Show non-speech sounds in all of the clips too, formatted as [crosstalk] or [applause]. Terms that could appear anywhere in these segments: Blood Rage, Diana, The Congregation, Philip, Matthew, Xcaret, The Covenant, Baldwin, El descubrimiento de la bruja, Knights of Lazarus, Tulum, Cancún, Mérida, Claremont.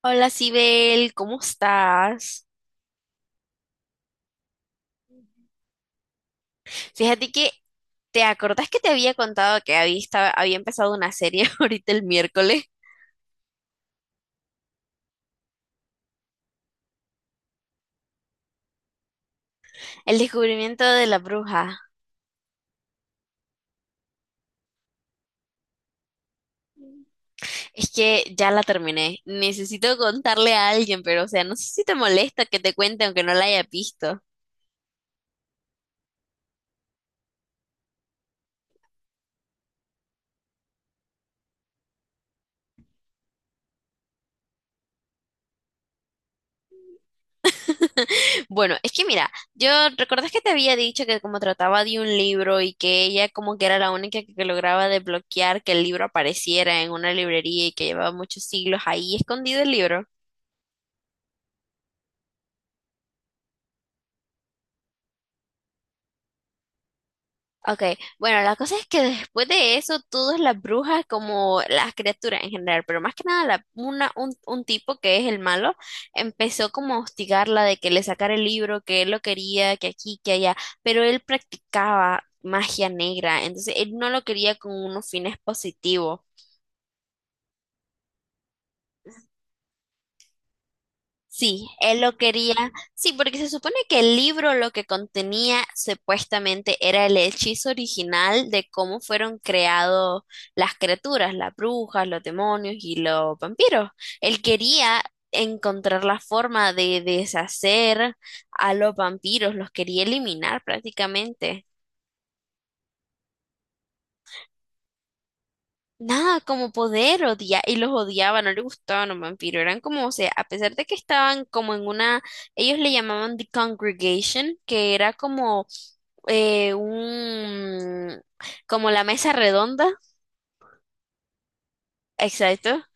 Hola, Sibel, ¿cómo estás? Fíjate que, ¿te acordás que te había contado que había, estaba- había empezado una serie [laughs] ahorita el miércoles? El descubrimiento de la bruja. Es que ya la terminé. Necesito contarle a alguien, pero o sea, no sé si te molesta que te cuente aunque no la haya visto. [laughs] Bueno, es que mira, yo recordás que te había dicho que como trataba de un libro y que ella como que era la única que lograba desbloquear que el libro apareciera en una librería y que llevaba muchos siglos ahí escondido el libro. Ok, bueno, la cosa es que después de eso, todas las brujas, como las criaturas en general, pero más que nada la- una, un tipo que es el malo, empezó como a hostigarla de que le sacara el libro, que él lo quería, que aquí, que allá, pero él practicaba magia negra, entonces él no lo quería con unos fines positivos. Sí, él lo quería. Sí, porque se supone que el libro lo que contenía supuestamente era el hechizo original de cómo fueron creados las criaturas, las brujas, los demonios y los vampiros. Él quería encontrar la forma de deshacer a los vampiros, los quería eliminar prácticamente. Nada, como poder odiar, y los odiaba, no le gustaban los vampiros, eran como, o sea, a pesar de que estaban como en una, ellos le llamaban The Congregation, que era como un, como la mesa redonda, exacto,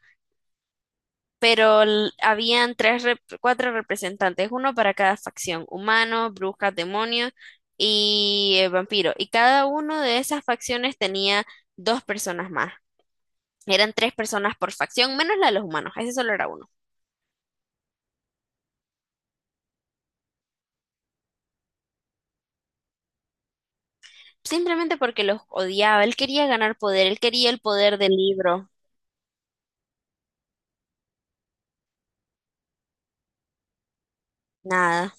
pero l- habían tres, rep- cuatro representantes, uno para cada facción, humanos, brujas, demonios y vampiros, y cada uno de esas facciones tenía dos personas más, eran tres personas por facción, menos la de los humanos, ese solo era uno. Simplemente porque los odiaba. Él quería ganar poder, él quería el poder del libro. Nada.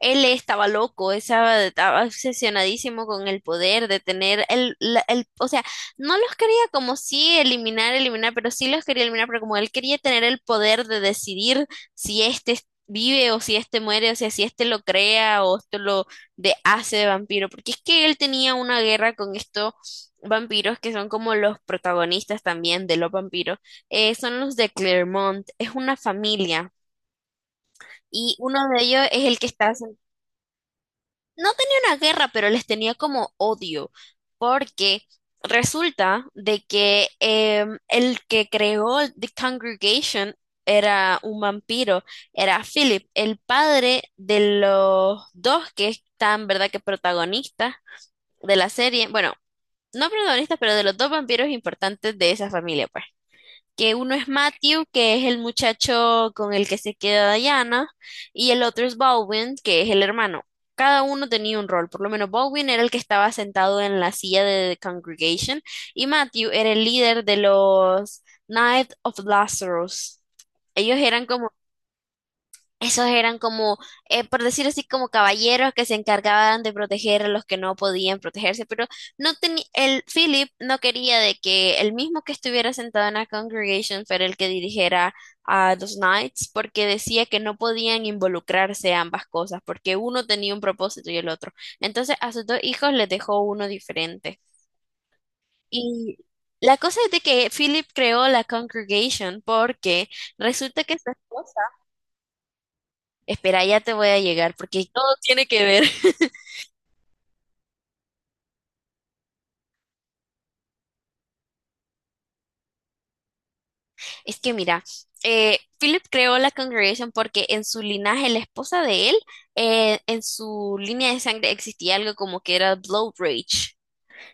Él estaba loco, estaba obsesionadísimo con el poder de tener el, la- el, o sea, no los quería como si eliminar, eliminar, pero sí los quería eliminar, pero como él quería tener el poder de decidir si este vive o si este muere, o sea, si este lo crea o esto lo de hace de vampiro, porque es que él tenía una guerra con estos vampiros que son como los protagonistas también de los vampiros, son los de Claremont, es una familia. Y uno de ellos es el que está no tenía una guerra, pero les tenía como odio, porque resulta de que el que creó The Congregation era un vampiro, era Philip, el padre de los dos que están, ¿verdad?, que protagonistas de la serie, bueno, no protagonistas, pero de los dos vampiros importantes de esa familia, pues que uno es Matthew, que es el muchacho con el que se queda Diana, y el otro es Baldwin, que es el hermano. Cada uno tenía un rol, por lo menos Baldwin era el que estaba sentado en la silla de The Congregation y Matthew era el líder de los Knights of Lazarus. Ellos eran como esos eran como, por decir así, como caballeros que se encargaban de proteger a los que no podían protegerse, pero no tenía, el Philip no quería de que el mismo que estuviera sentado en la congregation fuera el que dirigiera a los Knights, porque decía que no podían involucrarse ambas cosas, porque uno tenía un propósito y el otro. Entonces a sus dos hijos les dejó uno diferente. Y la cosa es de que Philip creó la congregation porque resulta que su esposa espera, ya te voy a llegar porque todo tiene que ver. [laughs] Es que mira, Philip creó la Congregation porque en su linaje, la esposa de él, en su línea de sangre existía algo como que era Blood Rage.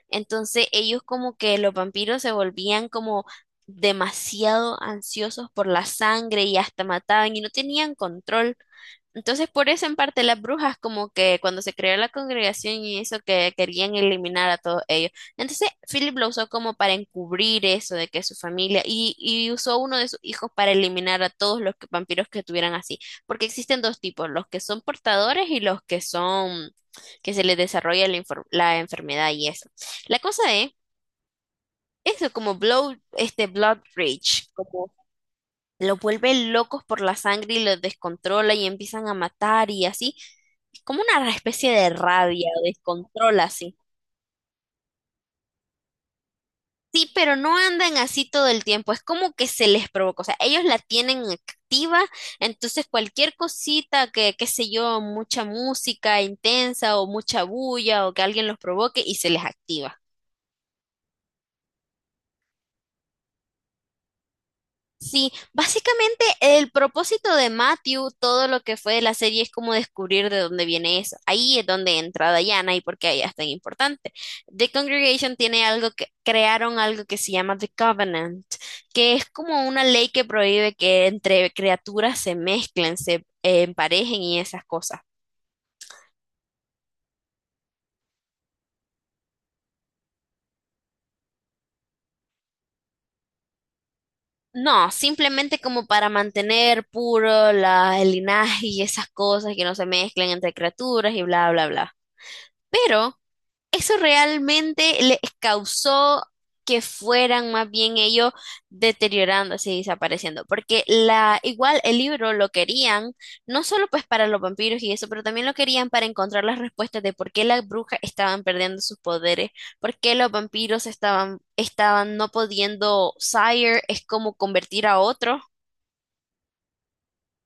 Entonces ellos como que los vampiros se volvían como demasiado ansiosos por la sangre y hasta mataban y no tenían control. Entonces por eso en parte las brujas como que cuando se creó la congregación y eso que querían eliminar a todos ellos. Entonces Philip lo usó como para encubrir eso de que su familia y usó uno de sus hijos para eliminar a todos los que- vampiros que tuvieran así. Porque existen dos tipos, los que son portadores y los que son que se les desarrolla la, infor- la enfermedad y eso. La cosa es, eso como Blood, este Blood Rage, como lo vuelve locos por la sangre y lo descontrola y empiezan a matar y así. Es como una especie de rabia, descontrol así. Sí, pero no andan así todo el tiempo, es como que se les provoca, o sea, ellos la tienen activa, entonces cualquier cosita que, qué sé yo, mucha música intensa o mucha bulla o que alguien los provoque y se les activa. Sí, básicamente el propósito de Matthew, todo lo que fue de la serie es como descubrir de dónde viene eso. Ahí es donde entra Diana y por qué ella es tan importante. The Congregation tiene algo que crearon algo que se llama The Covenant, que es como una ley que prohíbe que entre criaturas se mezclen, se emparejen y esas cosas. No, simplemente como para mantener puro la, el linaje y esas cosas que no se mezclen entre criaturas y bla, bla, bla. Pero eso realmente les causó que fueran más bien ellos deteriorándose y desapareciendo, porque la igual el libro lo querían no solo pues para los vampiros y eso, pero también lo querían para encontrar las respuestas de por qué las brujas estaban perdiendo sus poderes, por qué los vampiros estaban no pudiendo sire es como convertir a otro.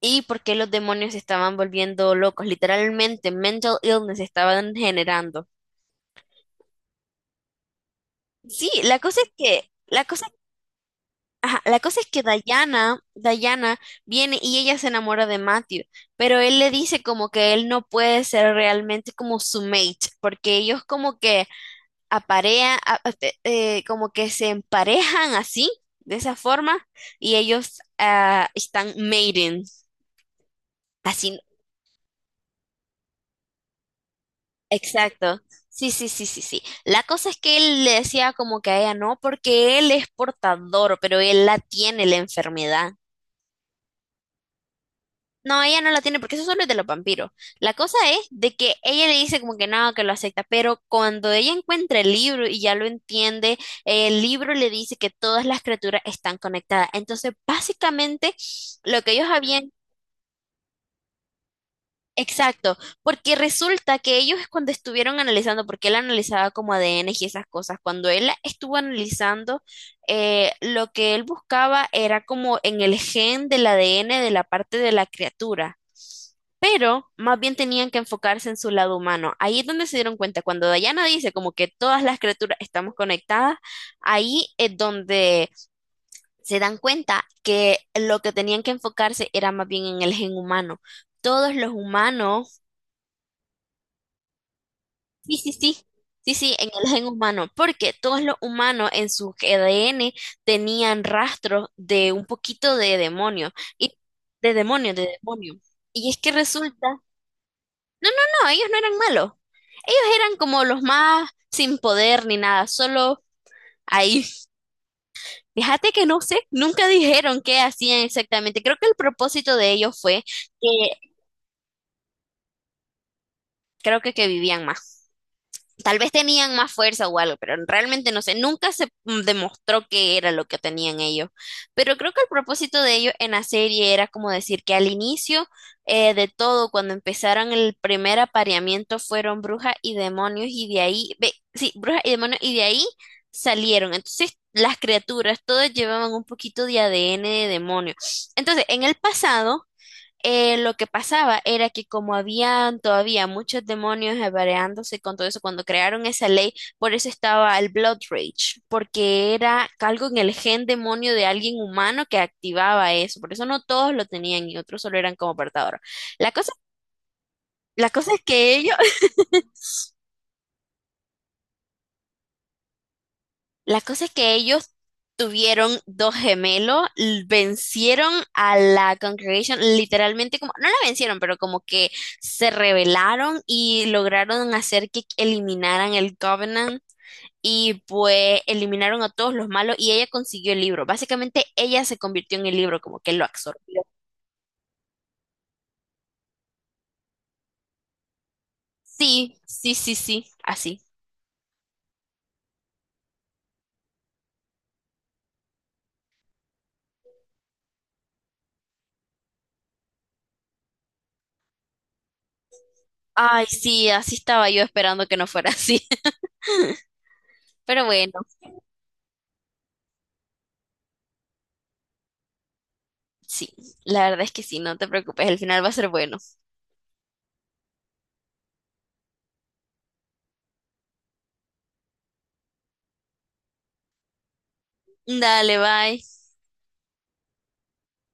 Y por qué los demonios se estaban volviendo locos, literalmente mental illness estaban generando. Sí, la cosa es que, la cosa ajá, la cosa es que Diana viene y ella se enamora de Matthew, pero él le dice como que él no puede ser realmente como su mate, porque ellos como que aparean, a- te- como que se emparejan así, de esa forma, y ellos ah, están mating, así, exacto. Sí, sí, sí, sí, sí. La cosa es que él le decía como que a ella no, porque él es portador, pero él la tiene la enfermedad. No, ella no la tiene porque eso solo es de los vampiros. La cosa es de que ella le dice como que no, que lo acepta, pero cuando ella encuentra el libro y ya lo entiende, el libro le dice que todas las criaturas están conectadas. Entonces, básicamente, lo que ellos habían... Exacto, porque resulta que ellos cuando estuvieron analizando, porque él analizaba como ADN y esas cosas, cuando él estuvo analizando, lo que él buscaba era como en el gen del ADN de la parte de la criatura pero más bien tenían que enfocarse en su lado humano. Ahí es donde se dieron cuenta, cuando Diana dice como que todas las criaturas estamos conectadas, ahí es donde se dan cuenta que lo que tenían que enfocarse era más bien en el gen humano. Todos los humanos, sí, sí, sí. Sí, sí, en el gen humano, porque todos los humanos en su ADN tenían rastros de un poquito de demonio, y de demonio, de demonio. Y es que resulta no, no, no, ellos no eran malos. Ellos eran como los más sin poder ni nada, solo ahí. Fíjate que no sé, nunca dijeron qué hacían exactamente. Creo que el propósito de ellos fue que creo que vivían más. Tal vez tenían más fuerza o algo, pero realmente no sé, nunca se demostró qué era lo que tenían ellos. Pero creo que el propósito de ellos en la serie era como decir que al inicio de todo, cuando empezaron el primer apareamiento, fueron brujas y demonios y de ahí, ve, sí, brujas y demonios y de ahí salieron. Entonces las criaturas todas llevaban un poquito de ADN de demonio. Entonces, en el pasado lo que pasaba era que como habían todavía muchos demonios apareándose con todo eso, cuando crearon esa ley, por eso estaba el Blood Rage, porque era algo en el gen demonio de alguien humano que activaba eso, por eso no todos lo tenían y otros solo eran como portadores. La cosa, la cosa es que ellos la cosa es que ellos tuvieron dos gemelos, l- vencieron a la Congregation, literalmente como, no la vencieron, pero como que se rebelaron y lograron hacer que eliminaran el Covenant y pues eliminaron a todos los malos y ella consiguió el libro. Básicamente ella se convirtió en el libro, como que lo absorbió. Sí, sí, sí, sí, así. Ay, sí, así estaba yo esperando que no fuera así. [laughs] Pero bueno, sí, la verdad es que sí, no te preocupes, el final va a ser bueno. Dale, bye.